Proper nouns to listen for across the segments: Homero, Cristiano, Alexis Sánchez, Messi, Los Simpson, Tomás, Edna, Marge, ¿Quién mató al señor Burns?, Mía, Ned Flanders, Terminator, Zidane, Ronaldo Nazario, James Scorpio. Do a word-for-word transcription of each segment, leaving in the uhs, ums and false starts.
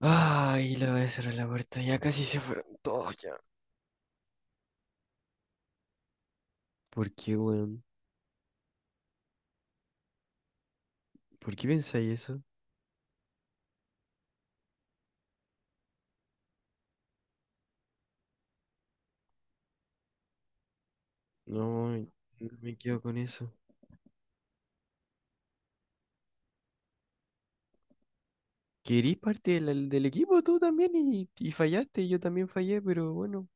Ay, le voy a cerrar la puerta. Ya casi se fueron todos ya. ¿Por qué, weón? ¿Por qué pensáis eso? No, no me quedo con eso. Querís parte del, del equipo tú también y, y fallaste, y yo también fallé, pero bueno.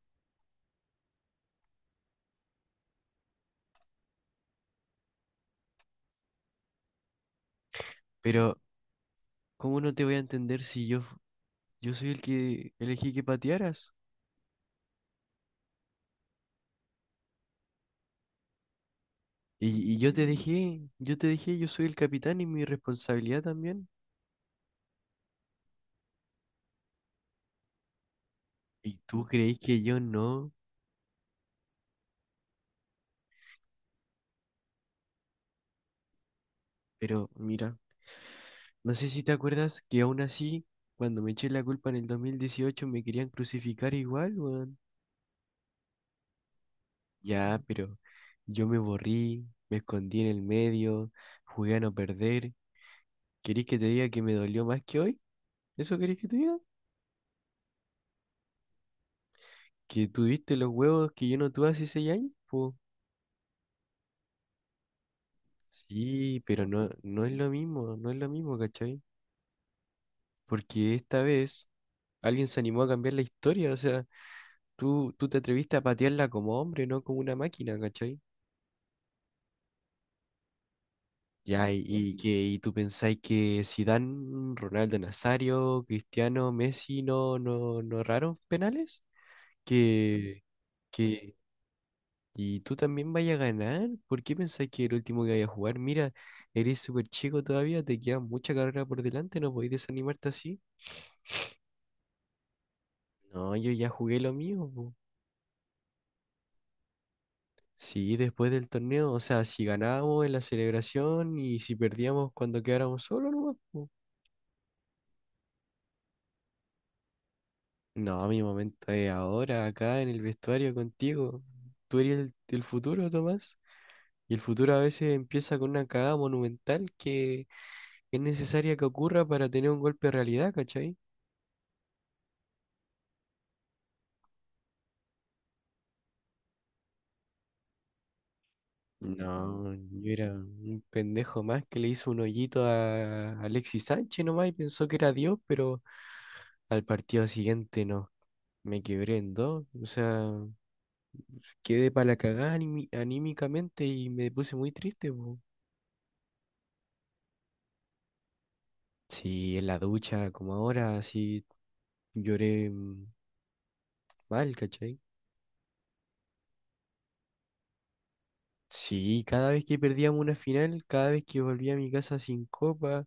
Pero, ¿cómo no te voy a entender si yo, f- yo soy el que elegí que patearas? Y, y yo te dejé, yo te dejé, yo soy el capitán y mi responsabilidad también. Y tú creéis que yo no, pero mira. No sé si te acuerdas que aún así, cuando me eché la culpa en el dos mil dieciocho, me querían crucificar igual, weón. Ya, pero yo me borrí, me escondí en el medio, jugué a no perder. ¿Querés que te diga que me dolió más que hoy? ¿Eso querés que te diga? ¿Que tuviste los huevos que yo no tuve hace seis años, po? Sí, pero no, no es lo mismo, no es lo mismo, ¿cachai? Porque esta vez alguien se animó a cambiar la historia, o sea, tú, tú te atreviste a patearla como hombre, no como una máquina, ¿cachai? Ya, y, y que y tú pensáis que Zidane, Ronaldo Nazario, Cristiano, Messi no, no, no erraron penales, que, que y tú también vayas a ganar. ¿Por qué pensáis que el último que vaya a jugar? Mira, eres súper chico todavía, te queda mucha carrera por delante, no podéis desanimarte así. No, yo ya jugué lo mío, po. Sí, después del torneo, o sea, si ganábamos en la celebración y si perdíamos cuando quedáramos solos, nomás, po. No, mi momento es ahora, acá en el vestuario contigo. Tú eres el, el futuro, Tomás. Y el futuro a veces empieza con una cagada monumental que es necesaria que ocurra para tener un golpe de realidad, ¿cachai? No, yo era un pendejo más que le hizo un hoyito a Alexis Sánchez nomás y pensó que era Dios, pero al partido siguiente no. Me quebré en dos. O sea, quedé para la cagada aními- anímicamente y me puse muy triste, po. Sí, en la ducha, como ahora, sí lloré mm, mal, ¿cachai? Sí, cada vez que perdíamos una final, cada vez que volvía a mi casa sin copa,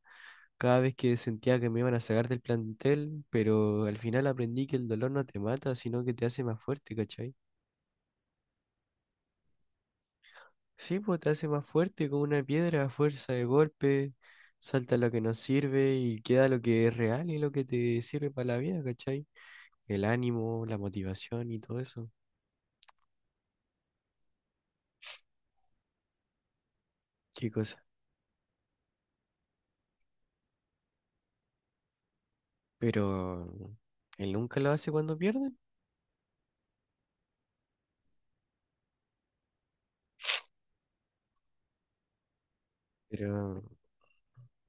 cada vez que sentía que me iban a sacar del plantel, pero al final aprendí que el dolor no te mata, sino que te hace más fuerte, ¿cachai? Sí, pues te hace más fuerte como una piedra a fuerza de golpe, salta lo que no sirve y queda lo que es real y lo que te sirve para la vida, ¿cachai? El ánimo, la motivación y todo eso. Qué cosa. Pero él nunca lo hace cuando pierden, pero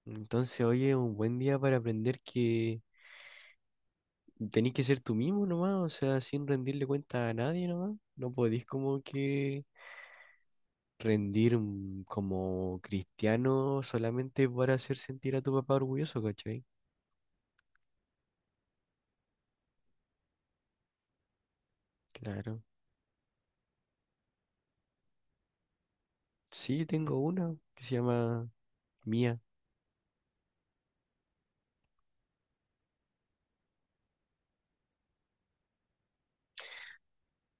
entonces hoy es un buen día para aprender que tenés que ser tú mismo nomás, o sea, sin rendirle cuenta a nadie nomás. No podés como que rendir mm, como cristiano solamente para hacer sentir a tu papá orgulloso, ¿cachai? Claro. Sí, tengo una que se llama Mía.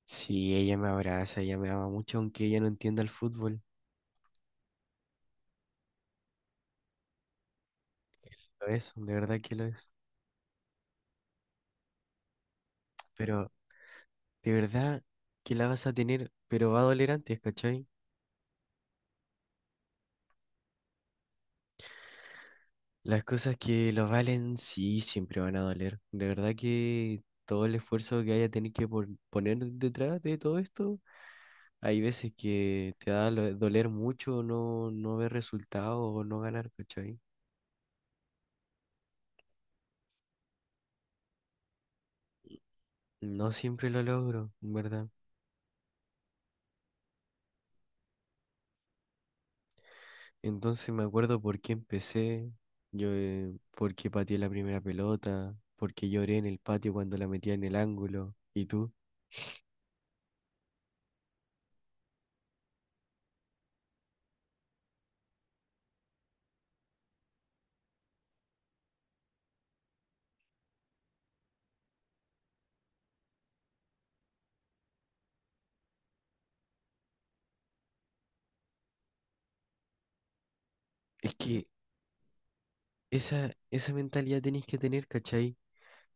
Sí, ella me abraza, ella me ama mucho, aunque ella no entienda el fútbol. Lo es, de verdad que lo es. Pero de verdad que la vas a tener, pero va a doler antes, ¿cachai? Las cosas que lo valen sí siempre van a doler. De verdad que todo el esfuerzo que haya tenido que pon- poner detrás de todo esto, hay veces que te da lo- doler mucho no, no ver resultados o no ganar, ¿cachai? No siempre lo logro, en ¿verdad? Entonces me acuerdo por qué empecé, yo, eh, por qué pateé la primera pelota, por qué lloré en el patio cuando la metía en el ángulo. ¿Y tú? Es que esa, esa mentalidad tenés que tener, ¿cachai?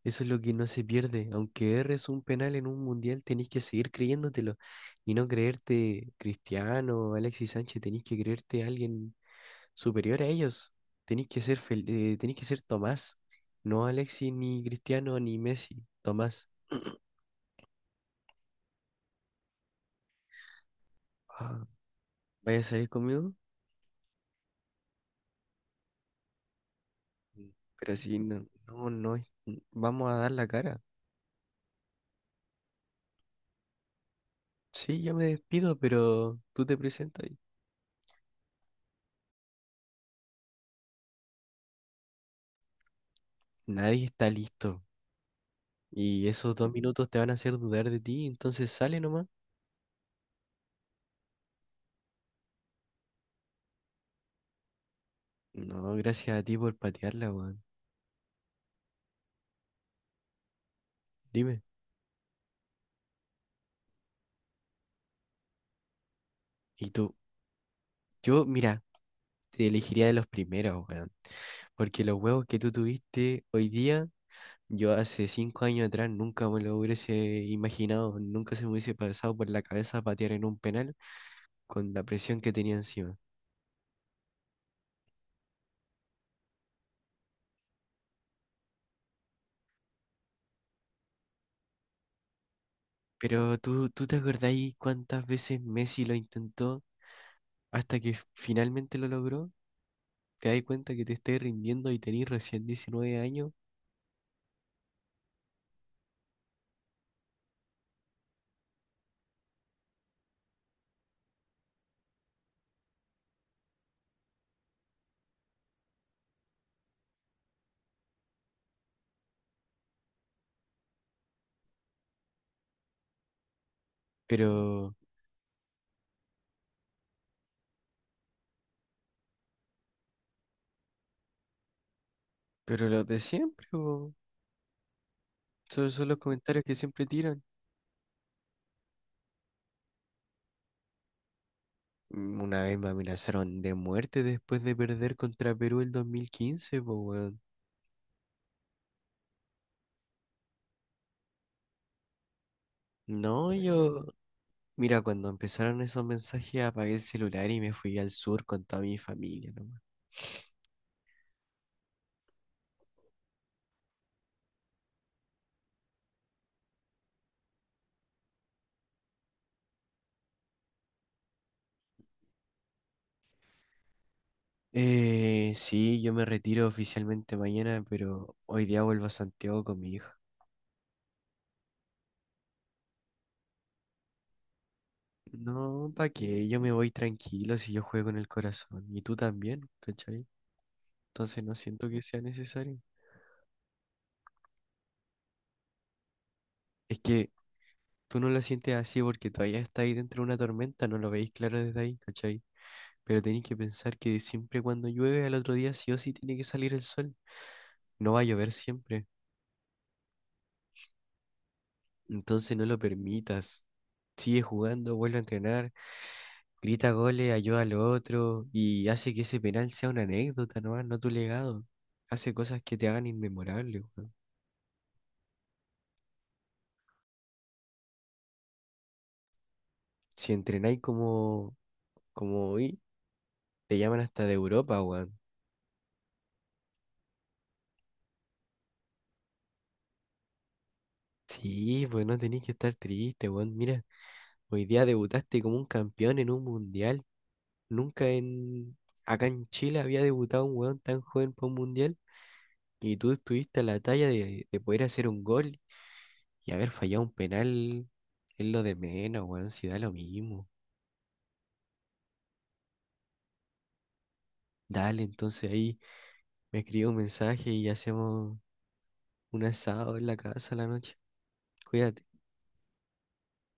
Eso es lo que no se pierde. Aunque erres un penal en un mundial, tenés que seguir creyéndotelo y no creerte Cristiano, Alexis Sánchez, tenés que creerte alguien superior a ellos. Tenés que ser fel- eh, tenés que ser Tomás, no Alexis, ni Cristiano, ni Messi, Tomás. Ah, ¿vaya a salir conmigo? Mm. Pero si no, no, no, es- n- vamos a dar la cara. Sí, yo me despido, pero tú te presentas. Y nadie está listo. Y esos dos minutos te van a hacer dudar de ti, entonces sale nomás. No, gracias a ti por patearla, weón. Dime. Y tú, yo, mira, te elegiría de los primeros, weón. Porque los huevos que tú tuviste hoy día, yo hace cinco años atrás nunca me lo hubiese imaginado, nunca se me hubiese pasado por la cabeza patear en un penal con la presión que tenía encima. Pero tú, ¿tú te acordáis cuántas veces Messi lo intentó hasta que f- finalmente lo logró? ¿Te das cuenta que te estás rindiendo y tenés recién diecinueve años? Pero, pero lo de siempre, po. Son son los comentarios que siempre tiran. Mm, Una vez me amenazaron de muerte después de perder contra Perú el dos mil quince, pues, weón. No, yo, mira, cuando empezaron esos mensajes apagué el celular y me fui al sur con toda mi familia, nomás. Eh, sí, yo me retiro oficialmente mañana, pero hoy día vuelvo a Santiago con mi hija. No, ¿para qué? Yo me voy tranquilo si yo juego con el corazón. Y tú también, ¿cachai? Entonces no siento que sea necesario. Es que tú no lo sientes así porque todavía está ahí dentro de una tormenta, no lo veis claro desde ahí, ¿cachai? Pero tenéis que pensar que siempre cuando llueve al otro día sí o sí tiene que salir el sol. No va a llover siempre. Entonces no lo permitas. Sigue jugando, vuelve a entrenar, grita goles, ayuda al otro y hace que ese penal sea una anécdota, ¿no? No tu legado. Hace cosas que te hagan inmemorable, weón. Si entrenáis como, como, hoy, te llaman hasta de Europa, weón. Sí, pues no tenéis que estar triste, weón. Mira, hoy día debutaste como un campeón en un mundial. Nunca en acá en Chile había debutado un weón tan joven para un mundial. Y tú estuviste a la talla de, de poder hacer un gol y haber fallado un penal es lo de menos, weón, si da lo mismo. Dale, entonces ahí me escribe un mensaje y hacemos un asado en la casa a la noche. Cuídate.